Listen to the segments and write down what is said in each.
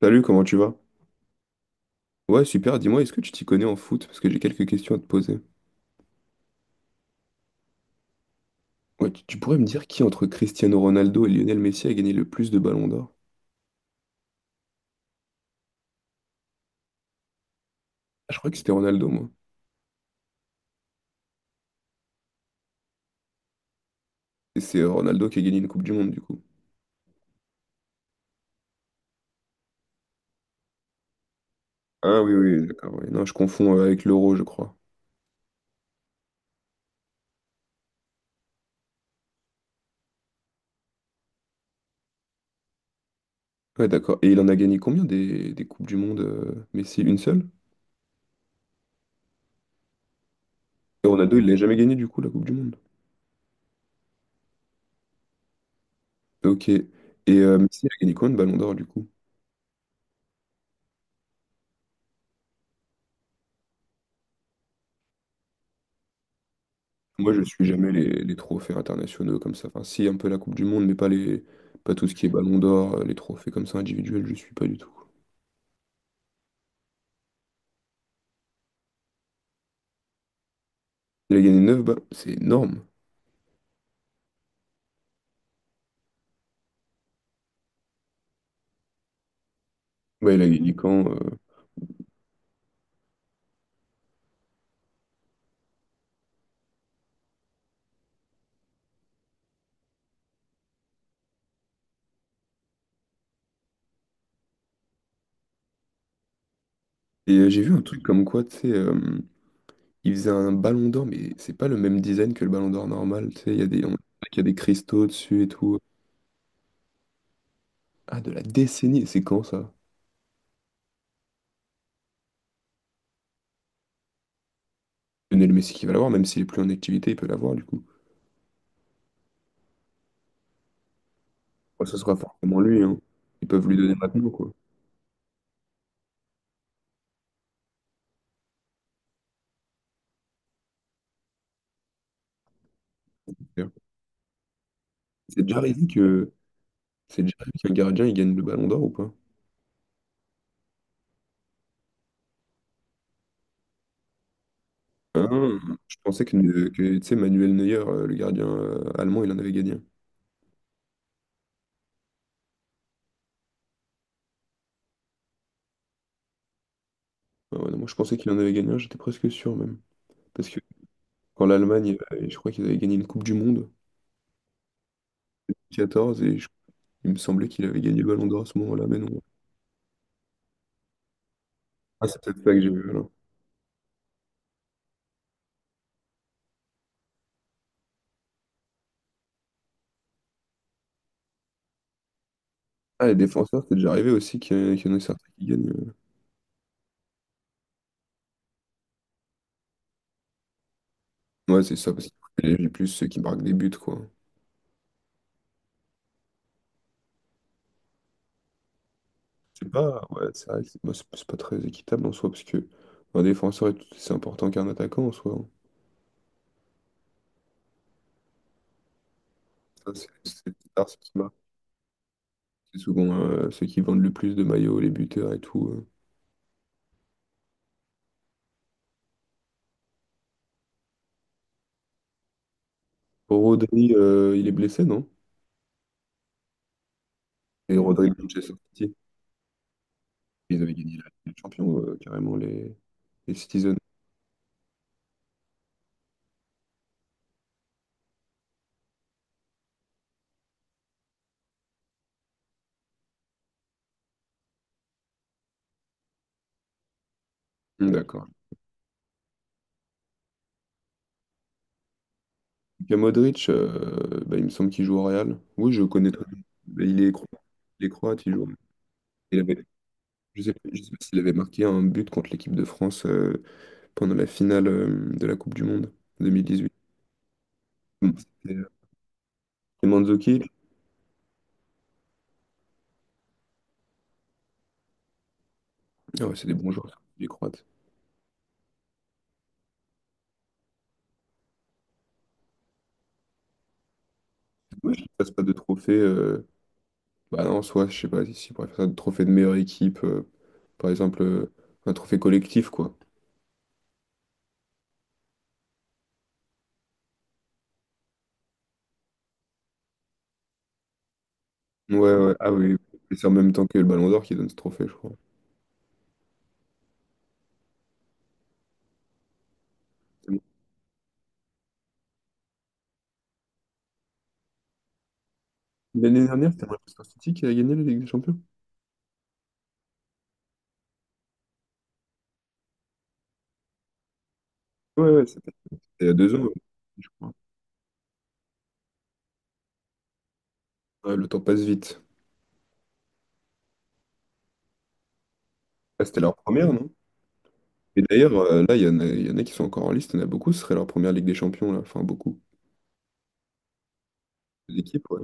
Salut, comment tu vas? Ouais, super, dis-moi, est-ce que tu t'y connais en foot? Parce que j'ai quelques questions à te poser. Ouais, tu pourrais me dire qui entre Cristiano Ronaldo et Lionel Messi a gagné le plus de ballons d'or? Ah, je crois que c'était Ronaldo, moi. Et c'est Ronaldo qui a gagné une Coupe du Monde, du coup. Ah oui, oui, d'accord, ouais. Non, je confonds avec l'Euro, je crois. Ouais, d'accord. Et il en a gagné combien des Coupes du Monde, Messi? Une seule? Et Ronaldo, il l'a jamais gagné, du coup, la Coupe du Monde. Ok. Et Messi a gagné combien de ballons d'or, du coup? Moi, je suis jamais les trophées internationaux comme ça. Enfin, si, un peu la Coupe du Monde, mais pas tout ce qui est Ballon d'Or, les trophées comme ça individuels, je suis pas du tout. Il a gagné 9, balles, c'est énorme. Ouais, il a gagné quand. Et j'ai vu un truc comme quoi, tu sais, il faisait un Ballon d'Or, mais c'est pas le même design que le Ballon d'Or normal. Tu sais, il y a des cristaux dessus et tout. Ah, de la décennie, c'est quand ça? Lionel Messi qui va l'avoir, même s'il est plus en activité, il peut l'avoir du coup. Moi, ce sera forcément lui, hein. Ils peuvent lui donner maintenant, quoi. C'est déjà arrivé que C'est déjà lui que le gardien, il gagne le ballon d'or ou pas? Hein, je pensais que, tu sais, Manuel Neuer, le gardien allemand, il en avait gagné un. Ah ouais, non, moi, je pensais qu'il en avait gagné un, j'étais presque sûr même. Parce que quand l'Allemagne, je crois qu'ils avaient gagné une Coupe du Monde, 14, et il me semblait qu'il avait gagné le ballon d'or à ce moment-là, mais non. Ah, c'est peut-être ça que j'ai vu, alors. Ah, les défenseurs, c'est déjà arrivé aussi qu'il y en a certains qui gagnent. Ouais, c'est ça, parce qu'il y a plus ceux qui marquent des buts, quoi. C'est pas, ouais, c'est vrai que c'est moi, c'est pas très équitable en soi, parce que un défenseur, c'est important qu'un attaquant en soi, hein. Ça, c'est bizarre, ce qui marque. C'est souvent ceux qui vendent le plus de maillots, les buteurs et tout. Oh, Rodri, il est blessé, non? Et Rodri de Manchester City. Ils avaient gagné la Ligue des Champions, carrément, les Citizens. Hmm, d'accord. Et Modric, bah, il me semble qu'il joue au Real. Oui, je connais très bien. Mais il joue. Il avait, je sais, je sais pas s'il avait marqué un but contre l'équipe de France pendant la finale de la Coupe du Monde 2018. Hmm, c'était Mandzukic. Ah ouais, c'est des bons joueurs, ça, les Croates. Moi, je ne passe pas de trophée. Bah non, soit, je sais pas, si on pourrait faire ça, de trophée de meilleure équipe, par exemple, un trophée collectif, quoi. Ouais, ouais, ah oui, et c'est en même temps que le Ballon d'Or qui donne ce trophée, je crois. L'année dernière, c'était Manchester City qui a gagné la Ligue des Champions. Ouais, ouais, c'était il y a 2 ans, ouais, je crois. Ouais, le temps passe vite. Ah, c'était leur première, non? Et d'ailleurs, là, il y en a qui sont encore en liste, il y en a beaucoup, ce serait leur première Ligue des Champions, là. Enfin, beaucoup. L'équipe, ouais.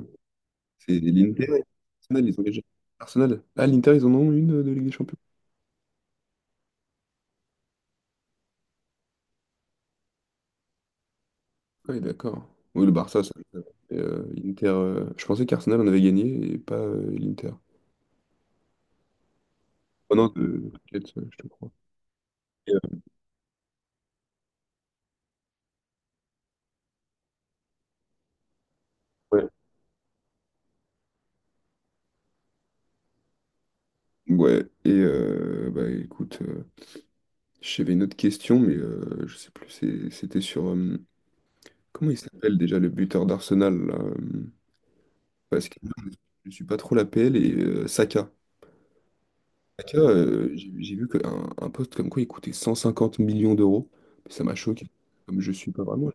C'est l'Inter, Arsenal, ils ont déjà. Arsenal. Ah, l'Inter, ils en ont une de Ligue des Champions. Oui, d'accord. Oui, le Barça, ça. Et, Inter, je pensais qu'Arsenal en avait gagné et pas l'Inter. Oh non, t'inquiète, je te crois. Et, ouais. Ouais, et bah écoute, j'avais une autre question, mais je sais plus, c'était sur. Comment il s'appelle déjà le buteur d'Arsenal là, parce que je suis pas trop la PL et Saka. Saka, j'ai vu qu'un un poste comme quoi il coûtait 150 millions d'euros. Mais ça m'a choqué. Comme je suis pas vraiment.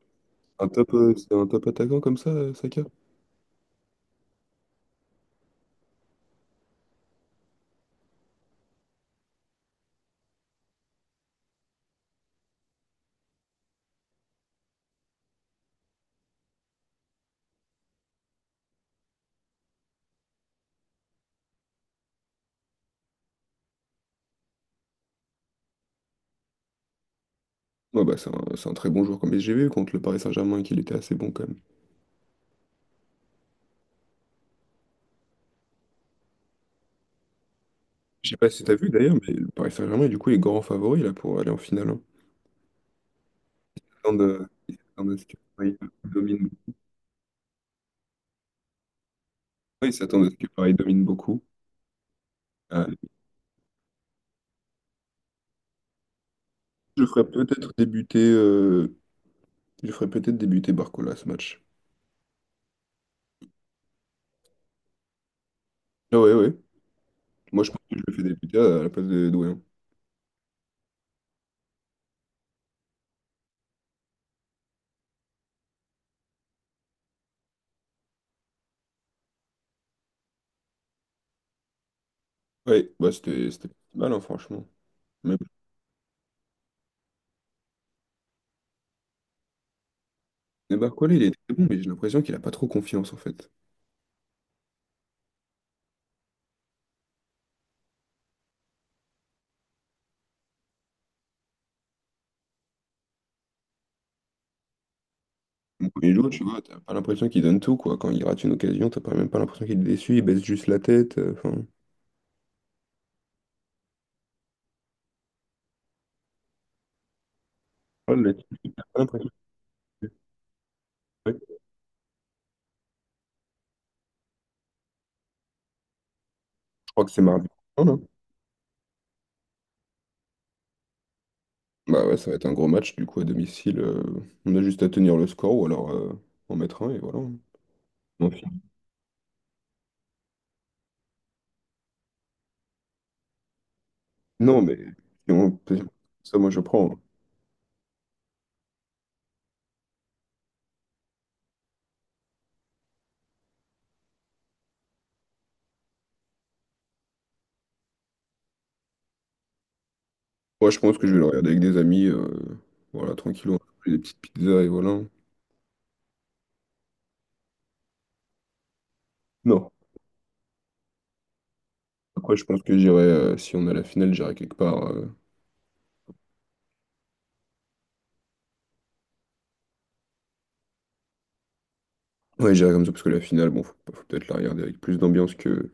Un top, c'est un top attaquant comme ça, Saka? Ouais, bah, c'est un très bon joueur comme SGV contre le Paris Saint-Germain qu'il était assez bon quand même. Je sais pas si t'as vu d'ailleurs, mais le Paris Saint-Germain est du coup les grands favoris là pour aller en finale, hein. Ils s'attendent à ce que Paris domine. Ouais, ils s'attendent à ce que Paris domine beaucoup. Euh, je ferais peut-être débuter Barcola à ce match. Ah ouais, ouais. Moi je pense que je le fais débuter à la place de Doué, hein. Ouais, bah c'était pas si mal, hein, franchement. Mais mais Barcola il est très bon, mais j'ai l'impression qu'il a pas trop confiance en fait. Danilo, tu vois, t'as pas l'impression qu'il donne tout, quoi. Quand il rate une occasion, t'as pas même pas l'impression qu'il est déçu, il baisse juste la tête, enfin, ouais, mec, t'as pas l'impression qu'il est déçu. Je crois que c'est mardi. Non, non. Bah ouais, ça va être un gros match, du coup, à domicile, on a juste à tenir le score ou alors en mettre un et voilà. On file. Non, mais si on ça, moi, je prends. Moi, je pense que je vais le regarder avec des amis, voilà, tranquille, on va manger des petites pizzas et voilà. Non. Après, je pense que j'irai, si on a la finale, j'irai quelque part. Ouais, j'irai comme ça parce que la finale, bon, faut peut-être la regarder avec plus d'ambiance que.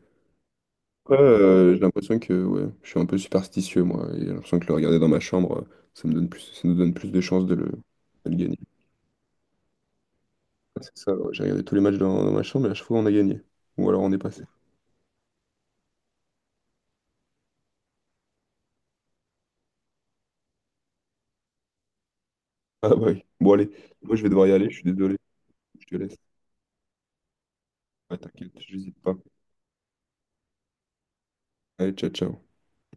Ouais, j'ai l'impression que ouais, je suis un peu superstitieux, moi. Et j'ai l'impression que le regarder dans ma chambre, ça me donne plus, ça nous donne plus de chances de le gagner. Ouais, c'est ça, ouais, j'ai regardé tous les matchs dans ma chambre et à chaque fois on a gagné. Ou alors on est passé. Ah bah oui. Bon allez, moi je vais devoir y aller, je suis désolé. Je te laisse. Ouais, t'inquiète, j'hésite pas. Allez, ciao, ciao.